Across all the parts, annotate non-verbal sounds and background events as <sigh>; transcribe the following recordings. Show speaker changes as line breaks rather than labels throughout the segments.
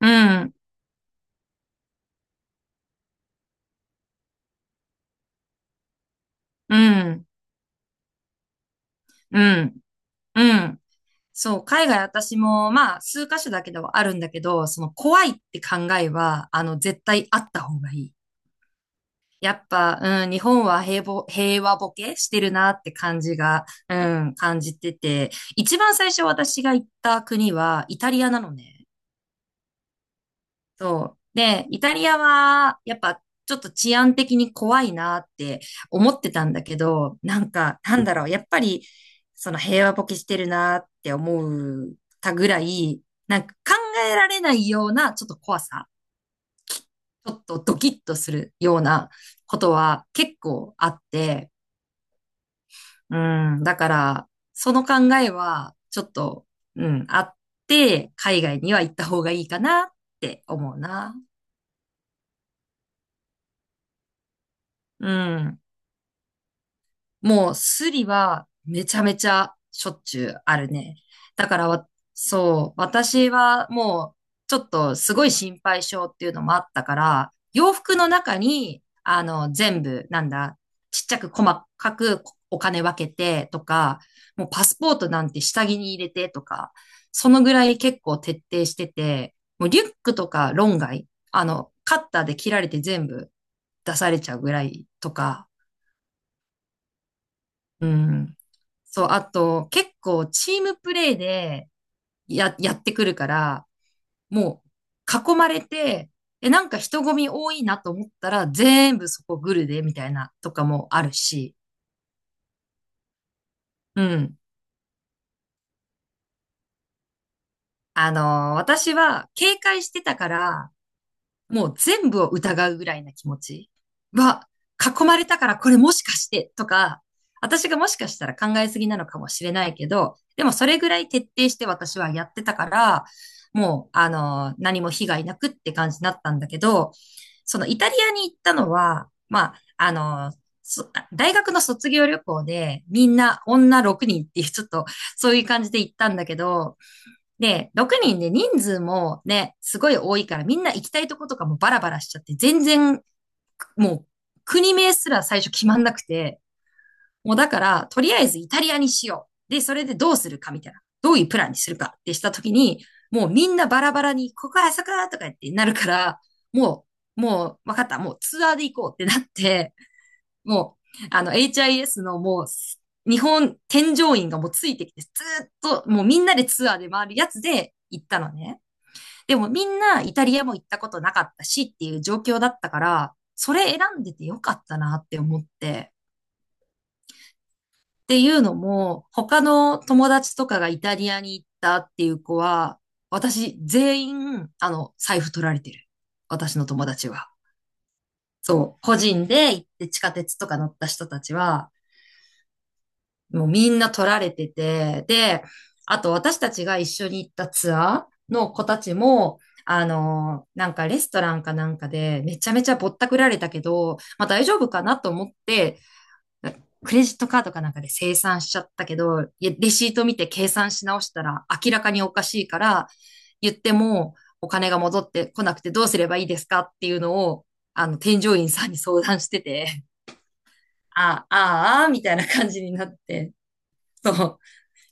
うん、うん、うん、うん。そう、海外私も、まあ、数カ所だけではあるんだけど、その怖いって考えは、絶対あった方がいい。やっぱ、うん、日本は平和ボケしてるなって感じが、うん、感じてて、一番最初私が行った国はイタリアなのね。そう。で、イタリアは、やっぱ、ちょっと治安的に怖いなって思ってたんだけど、なんか、なんだろう、やっぱり、その平和ボケしてるなって思うたぐらい、なんか考えられないような、ちょっと怖さ、ちょっとドキッとするようなことは結構あって、うん、だから、その考えは、ちょっと、うん、あって、海外には行った方がいいかなって思うな。うん。もうスリはめちゃめちゃしょっちゅうあるね。だからわ、そう、私はもうちょっとすごい心配性っていうのもあったから、洋服の中に、全部、なんだ、ちっちゃく細かくお金分けてとか、もうパスポートなんて下着に入れてとか、そのぐらい結構徹底してて、もうリュックとか論外、カッターで切られて全部出されちゃうぐらいとか、うん。そう、あと、結構チームプレイでやってくるから、もう囲まれて、え、なんか人混み多いなと思ったら、全部そこグルで、みたいなとかもあるし、うん。あの私は警戒してたから、もう全部を疑うぐらいな気持ちは、囲まれたからこれもしかしてとか、私がもしかしたら考えすぎなのかもしれないけど、でもそれぐらい徹底して私はやってたから、もう、何も被害なくって感じになったんだけど、そのイタリアに行ったのは、まあ、大学の卒業旅行でみんな女6人っていうちょっとそういう感じで行ったんだけど、で、6人で人数もね、すごい多いから、みんな行きたいとことかもバラバラしちゃって、全然、もう、国名すら最初決まんなくて、もうだから、とりあえずイタリアにしよう。で、それでどうするかみたいな。どういうプランにするかってしたときに、もうみんなバラバラに、ここあそこだとか言ってなるから、もう、もう、わかった。もうツアーで行こうってなって、もう、HIS のもう、日本添乗員がもうついてきて、ずーっと、もうみんなでツアーで回るやつで行ったのね。でもみんなイタリアも行ったことなかったしっていう状況だったから、それ選んでてよかったなって思って。っていうのも、他の友達とかがイタリアに行ったっていう子は、私全員、財布取られてる。私の友達は。そう。個人で行って地下鉄とか乗った人たちは、もうみんな取られてて、で、あと私たちが一緒に行ったツアーの子たちも、なんかレストランかなんかでめちゃめちゃぼったくられたけど、まあ大丈夫かなと思って、クレジットカードかなんかで清算しちゃったけど、いやレシート見て計算し直したら明らかにおかしいから、言ってもお金が戻ってこなくてどうすればいいですかっていうのを、添乗員さんに相談してて、ああ、ああ、みたいな感じになって、そう。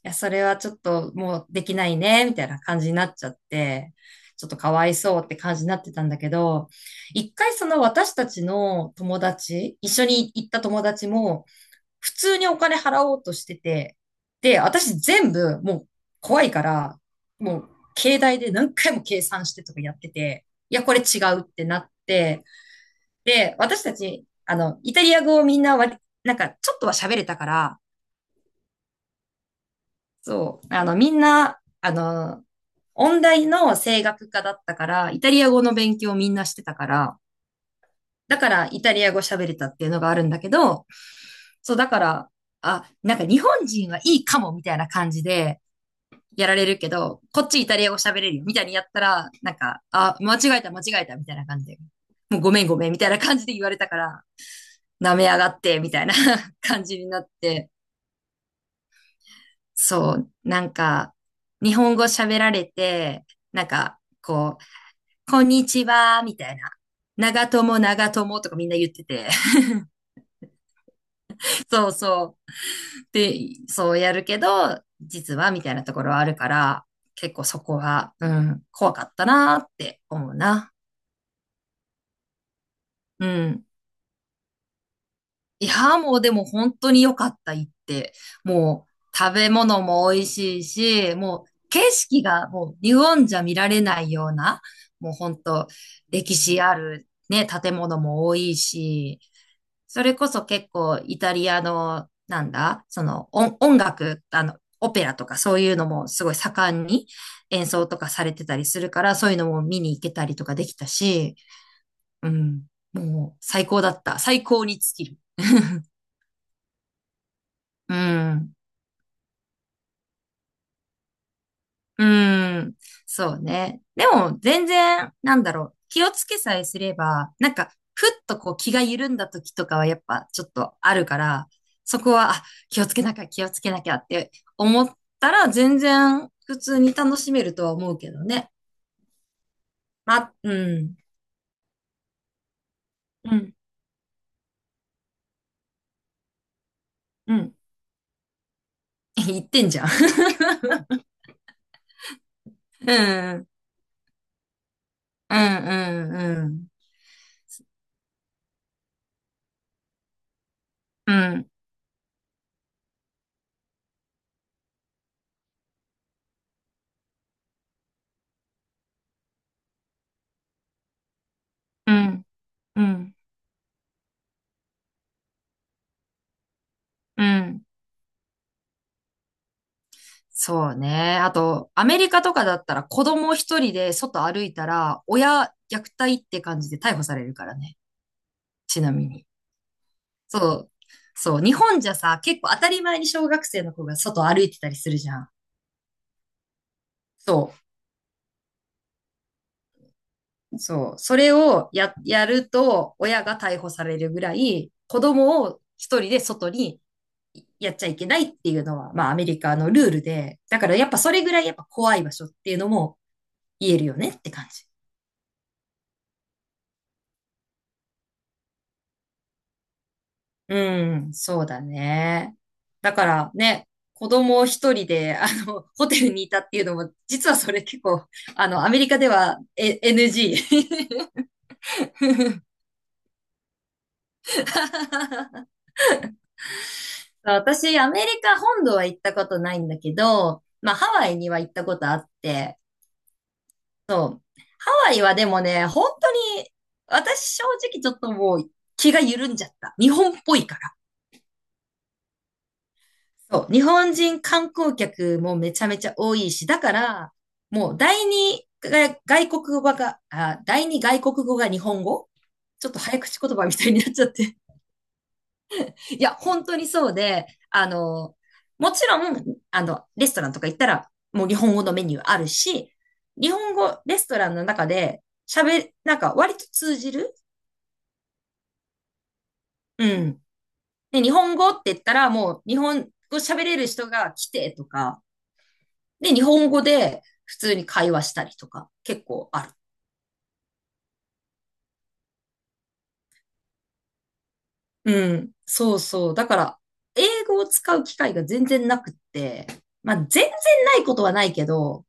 や、それはちょっともうできないね、みたいな感じになっちゃって、ちょっとかわいそうって感じになってたんだけど、一回その私たちの友達、一緒に行った友達も、普通にお金払おうとしてて、で、私全部もう怖いから、もう携帯で何回も計算してとかやってて、いや、これ違うってなって、で、私たち、イタリア語をみんななんかちょっとは喋れたから、そう。みんな、音大の声楽科だったから、イタリア語の勉強をみんなしてたから、だからイタリア語喋れたっていうのがあるんだけど、そう、だから、あ、なんか日本人はいいかもみたいな感じでやられるけど、こっちイタリア語喋れるよみたいにやったら、なんか、あ、間違えた間違えたみたいな感じで、もうごめんごめんみたいな感じで言われたから、舐めやがってみたいな <laughs> 感じになって、そう、なんか、日本語喋られて、なんか、こう、こんにちは、みたいな。長友、長友とかみんな言ってて。<laughs> そうそう。で、そうやるけど、実は、みたいなところはあるから、結構そこは、うん、怖かったなーって思うな。うん。いや、もうでも本当に良かった、行って。もう食べ物も美味しいし、もう景色がもう日本じゃ見られないような、もう本当歴史あるね、建物も多いし、それこそ結構イタリアの、なんだ、その音楽、オペラとかそういうのもすごい盛んに演奏とかされてたりするから、そういうのも見に行けたりとかできたし、うん、もう最高だった。最高に尽きる。<laughs> うん。うん。そうね。でも、全然、なんだろう。気をつけさえすれば、なんか、ふっとこう気が緩んだ時とかはやっぱちょっとあるから、そこは、あ、気をつけなきゃ、気をつけなきゃって思ったら、全然普通に楽しめるとは思うけどね。まあ、うん。うん。うん。<laughs> 言ってんじゃん。<laughs> うん。うん。うん。うん。うん。うん。うん。うん。そうね。あと、アメリカとかだったら子供一人で外歩いたら、親虐待って感じで逮捕されるからね。ちなみに。そう。そう。日本じゃさ、結構当たり前に小学生の子が外歩いてたりするじゃん。そう。そう。それをやると、親が逮捕されるぐらい、子供を一人で外にやっちゃいけないっていうのは、まあアメリカのルールで、だからやっぱそれぐらいやっぱ怖い場所っていうのも言えるよねって感じ。うん、そうだね。だからね、子供一人で、<laughs> ホテルにいたっていうのも、実はそれ結構、アメリカでは、NG。<laughs> 私、アメリカ本土は行ったことないんだけど、まあ、ハワイには行ったことあって、ハワイはでもね、本当に、私正直ちょっともう気が緩んじゃった。日本っぽいから。そう、日本人観光客もめちゃめちゃ多いし、だから、もう第二外国語が日本語ちょっと早口言葉みたいになっちゃって。<laughs> いや、本当にそうで、もちろん、レストランとか行ったら、もう日本語のメニューあるし、日本語、レストランの中でなんか割と通じるうん。で、日本語って言ったら、もう日本語喋れる人が来てとか、で、日本語で普通に会話したりとか、結構ある。うん。そうそう。だから、英語を使う機会が全然なくって、まあ、全然ないことはないけど、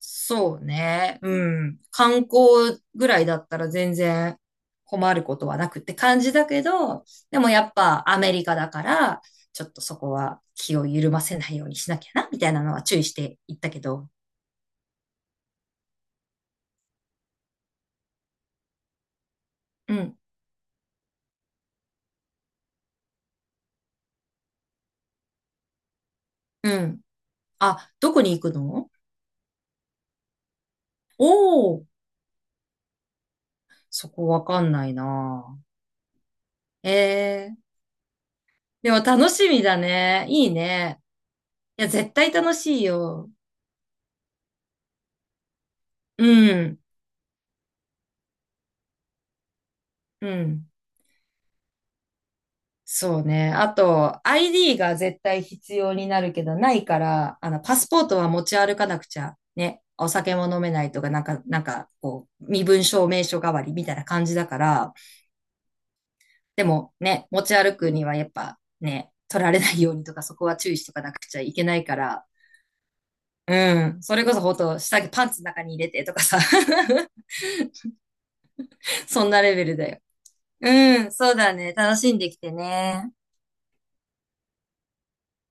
そうね。うん。観光ぐらいだったら全然困ることはなくって感じだけど、でもやっぱアメリカだから、ちょっとそこは気を緩ませないようにしなきゃな、みたいなのは注意していったけど。うん。うん。あ、どこに行くの？おおー。そこわかんないな。ええー。でも楽しみだね。いいね。いや、絶対楽しいよ。うん。うん。そうね。あと、ID が絶対必要になるけど、ないから、パスポートは持ち歩かなくちゃ。ね。お酒も飲めないとか、なんか、こう、身分証明書代わりみたいな感じだから、でもね、持ち歩くにはやっぱね、取られないようにとか、そこは注意しとかなくちゃいけないから、うん。それこそほんと、下着パンツの中に入れてとかさ。<laughs> そんなレベルだよ。うん、そうだね。楽しんできてね。